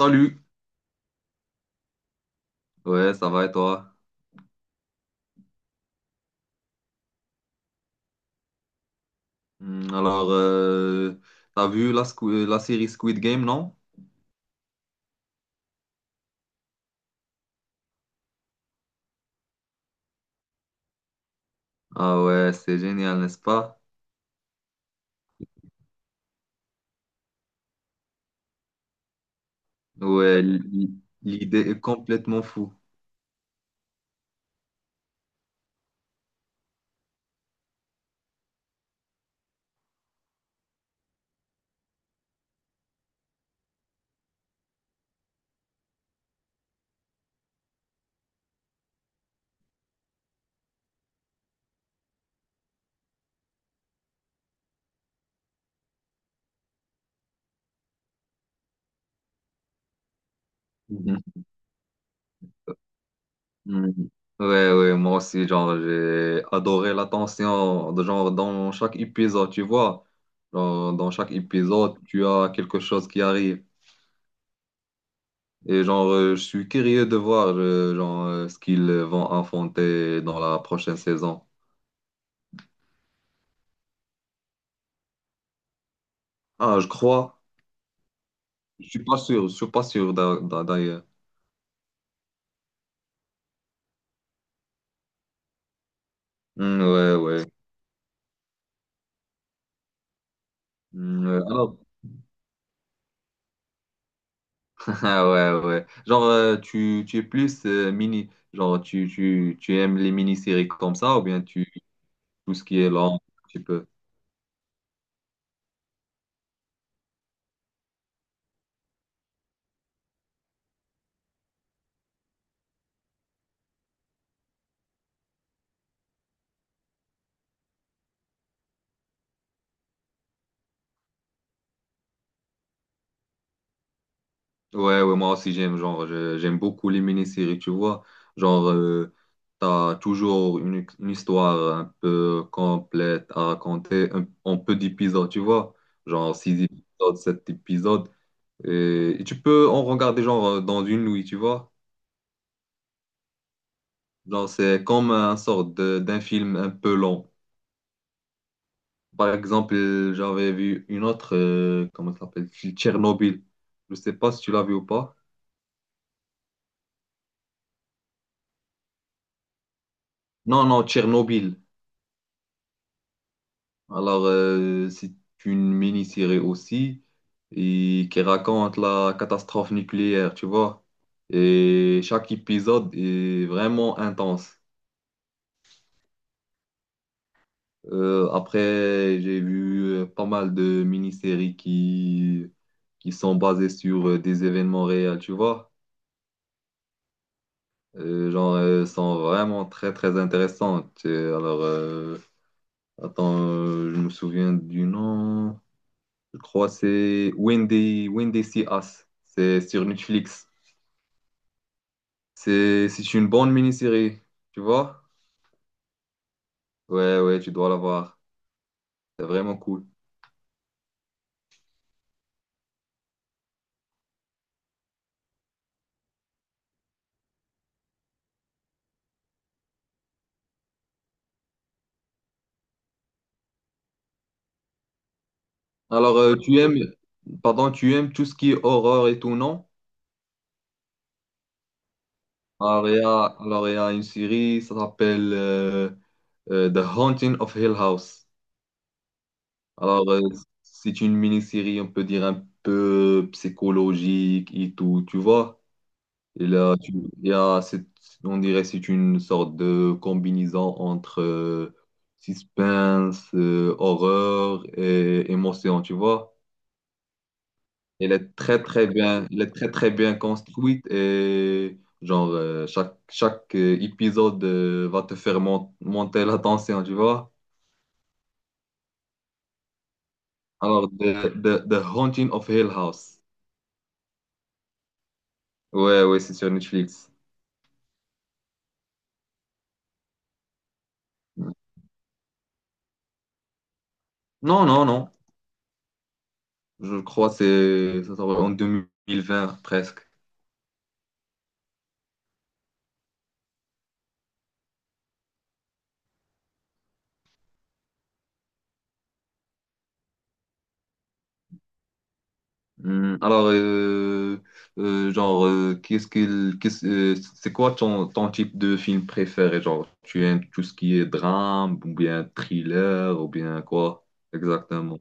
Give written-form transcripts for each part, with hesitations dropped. Salut, ouais, ça va et toi? Alors, t'as vu la série Squid Game, non? Ah ouais, c'est génial, n'est-ce pas? Ouais, l'idée est complètement fou. Mhm. Mhm. Ouais, ouais, moi aussi, genre, j'ai adoré l'attention, de genre, dans chaque épisode, tu vois. Genre, dans chaque épisode, tu as quelque chose qui arrive. Et genre, je suis curieux de voir, genre, ce qu'ils vont affronter dans la prochaine saison. Ah, je crois. Je suis pas sûr, je suis pas sûr d'ailleurs. Hmm, ouais, ouais. Hmm, ouais. Alors, ah, ouais, ouais. Genre, tu es plus mini, genre, tu aimes les mini-séries comme ça ou bien tu, tout ce qui est long un petit peu. Ouais, ouais, moi aussi j'aime, genre, j'aime beaucoup les mini-séries, tu vois. Genre, t'as toujours une histoire un peu complète à raconter, en peu d'épisodes, tu vois. Genre, six épisodes, sept épisodes. Et tu peux en regarder genre dans une nuit, tu vois. Genre, c'est comme un d'un film un peu long. Par exemple, j'avais vu une autre, comment ça s'appelle? Tchernobyl. Je sais pas si tu l'as vu ou pas. Non, non, Tchernobyl. Alors, c'est une mini-série aussi et qui raconte la catastrophe nucléaire, tu vois. Et chaque épisode est vraiment intense. Après, j'ai vu pas mal de mini-séries qui sont basées sur des événements réels, tu vois. Genre, sont vraiment très, très intéressantes. Alors, attends, je me souviens du nom. Je crois que c'est When They See Us. C'est sur Netflix. C'est une bonne mini-série, tu vois. Ouais, ouais, tu dois la voir. C'est vraiment cool. Alors, pardon, tu aimes tout ce qui est horreur et tout, non? Alors, il y a une série, ça s'appelle The Haunting of Hill House. Alors, c'est une mini-série, on peut dire, un peu psychologique et tout, tu vois. Et là, tu, il y a, cette- on dirait, c'est une sorte de combinaison entre suspense, horreur et émotion, tu vois. Elle est très très bien, elle est très très bien construite et genre chaque épisode va te faire monter la tension, tu vois. Alors The Haunting of Hill House. Ouais ouais, c'est sur Netflix. Non non non, je crois que c'est ça sort en 2020 presque. Alors, c'est quoi ton, ton type de film préféré? Genre, tu aimes tout ce qui est drame, ou bien thriller, ou bien quoi exactement?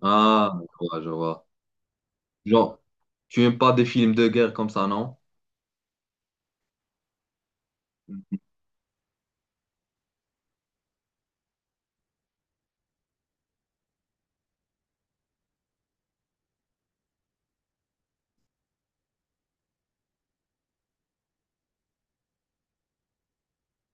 Ah, je vois, je vois. Genre, tu aimes pas des films de guerre comme ça, non?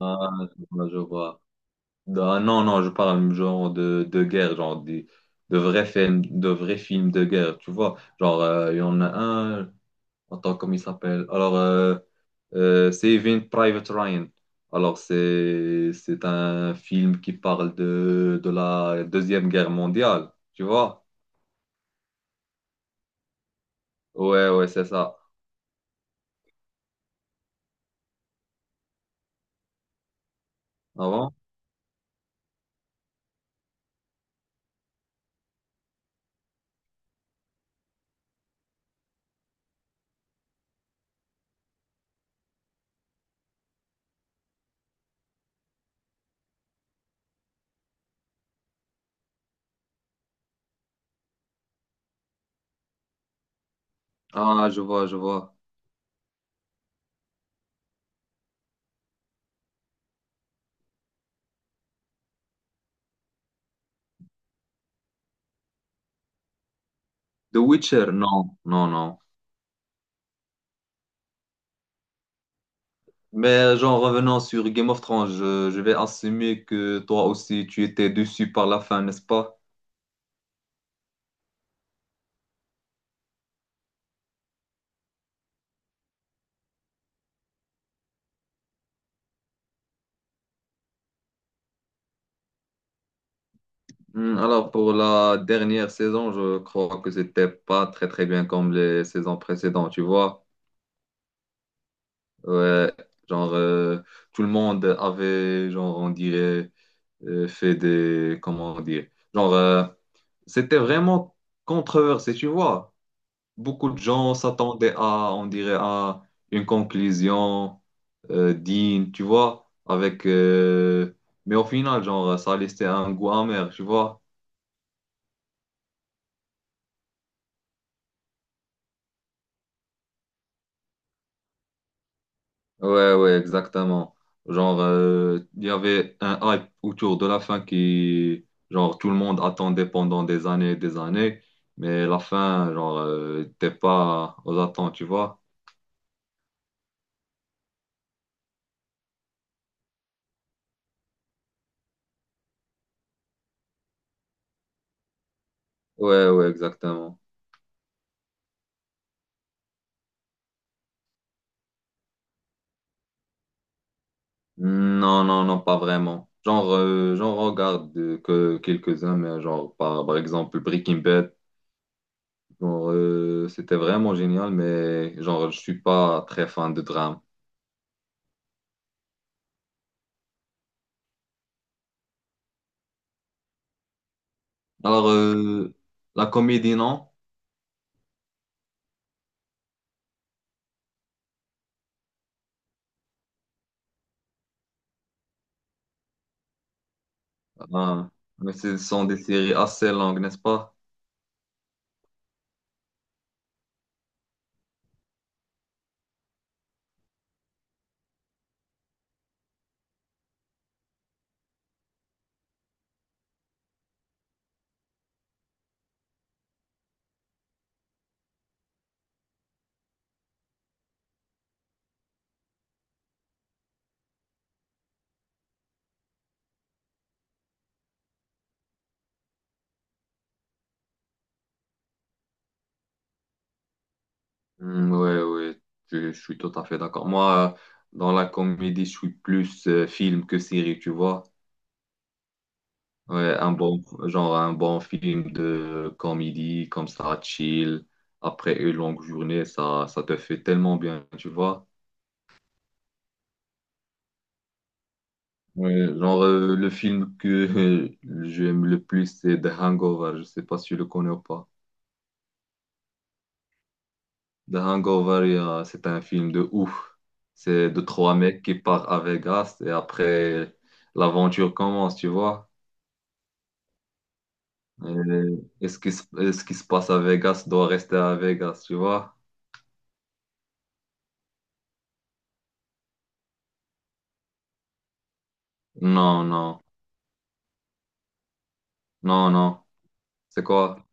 Ah, je vois. Je vois. Ah, non, non, je parle genre de guerre, genre des, de vrais films, de vrais films de guerre, tu vois. Genre, il y en a un. Attends, comment il s'appelle? Alors, Saving Private Ryan. Alors, c'est un film qui parle de la Deuxième Guerre mondiale, tu vois? Ouais, ouais, c'est ça. Avant? Ah, je vois, je vois. The Witcher, non, non, non. Mais genre, revenant sur Game of Thrones, je vais assumer que toi aussi, tu étais déçu par la fin, n'est-ce pas? Alors, pour la dernière saison, je crois que c'était pas très, très bien comme les saisons précédentes, tu vois? Ouais, genre tout le monde avait, genre on dirait, fait des, comment on dit, genre c'était vraiment controversé, tu vois. Beaucoup de gens s'attendaient à, on dirait, à une conclusion digne, tu vois, avec, mais au final, genre ça laissait un goût amer, tu vois. Ouais, ouais, exactement. Genre, il y avait un hype autour de la fin qui, genre, tout le monde attendait pendant des années et des années, mais la fin, genre, t'es pas aux attentes, tu vois? Ouais, ouais, exactement. Non, non, non, pas vraiment. Genre, j'en regarde que quelques-uns, mais genre, par, par exemple, Breaking Bad, genre, c'était vraiment génial, mais genre, je suis pas très fan de drame. Alors, la comédie, non? Ah, mais ce sont des séries assez longues, n'est-ce pas? Hmm, ouais, ouais, je suis tout à fait d'accord. Moi, dans la comédie, je suis plus film que série, tu vois. Ouais, un bon, genre un bon film de comédie, comme ça, chill, après une longue journée, ça te fait tellement bien, tu vois. Ouais, genre, le film que j'aime le plus, c'est The Hangover, je sais pas si tu le connais ou pas. The Hangover, c'est un film de ouf. C'est de 3 mecs qui partent à Vegas et après, l'aventure commence, tu vois. Et, et ce qui se passe à Vegas doit rester à Vegas, tu vois. Non, non, non, non. C'est quoi?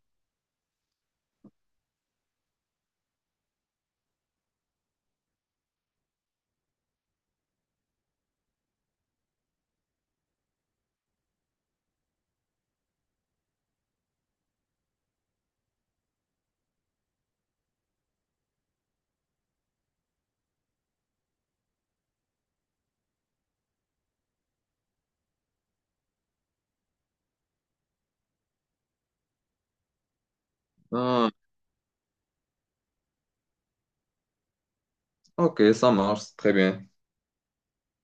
Ah, ok, ça marche, très bien.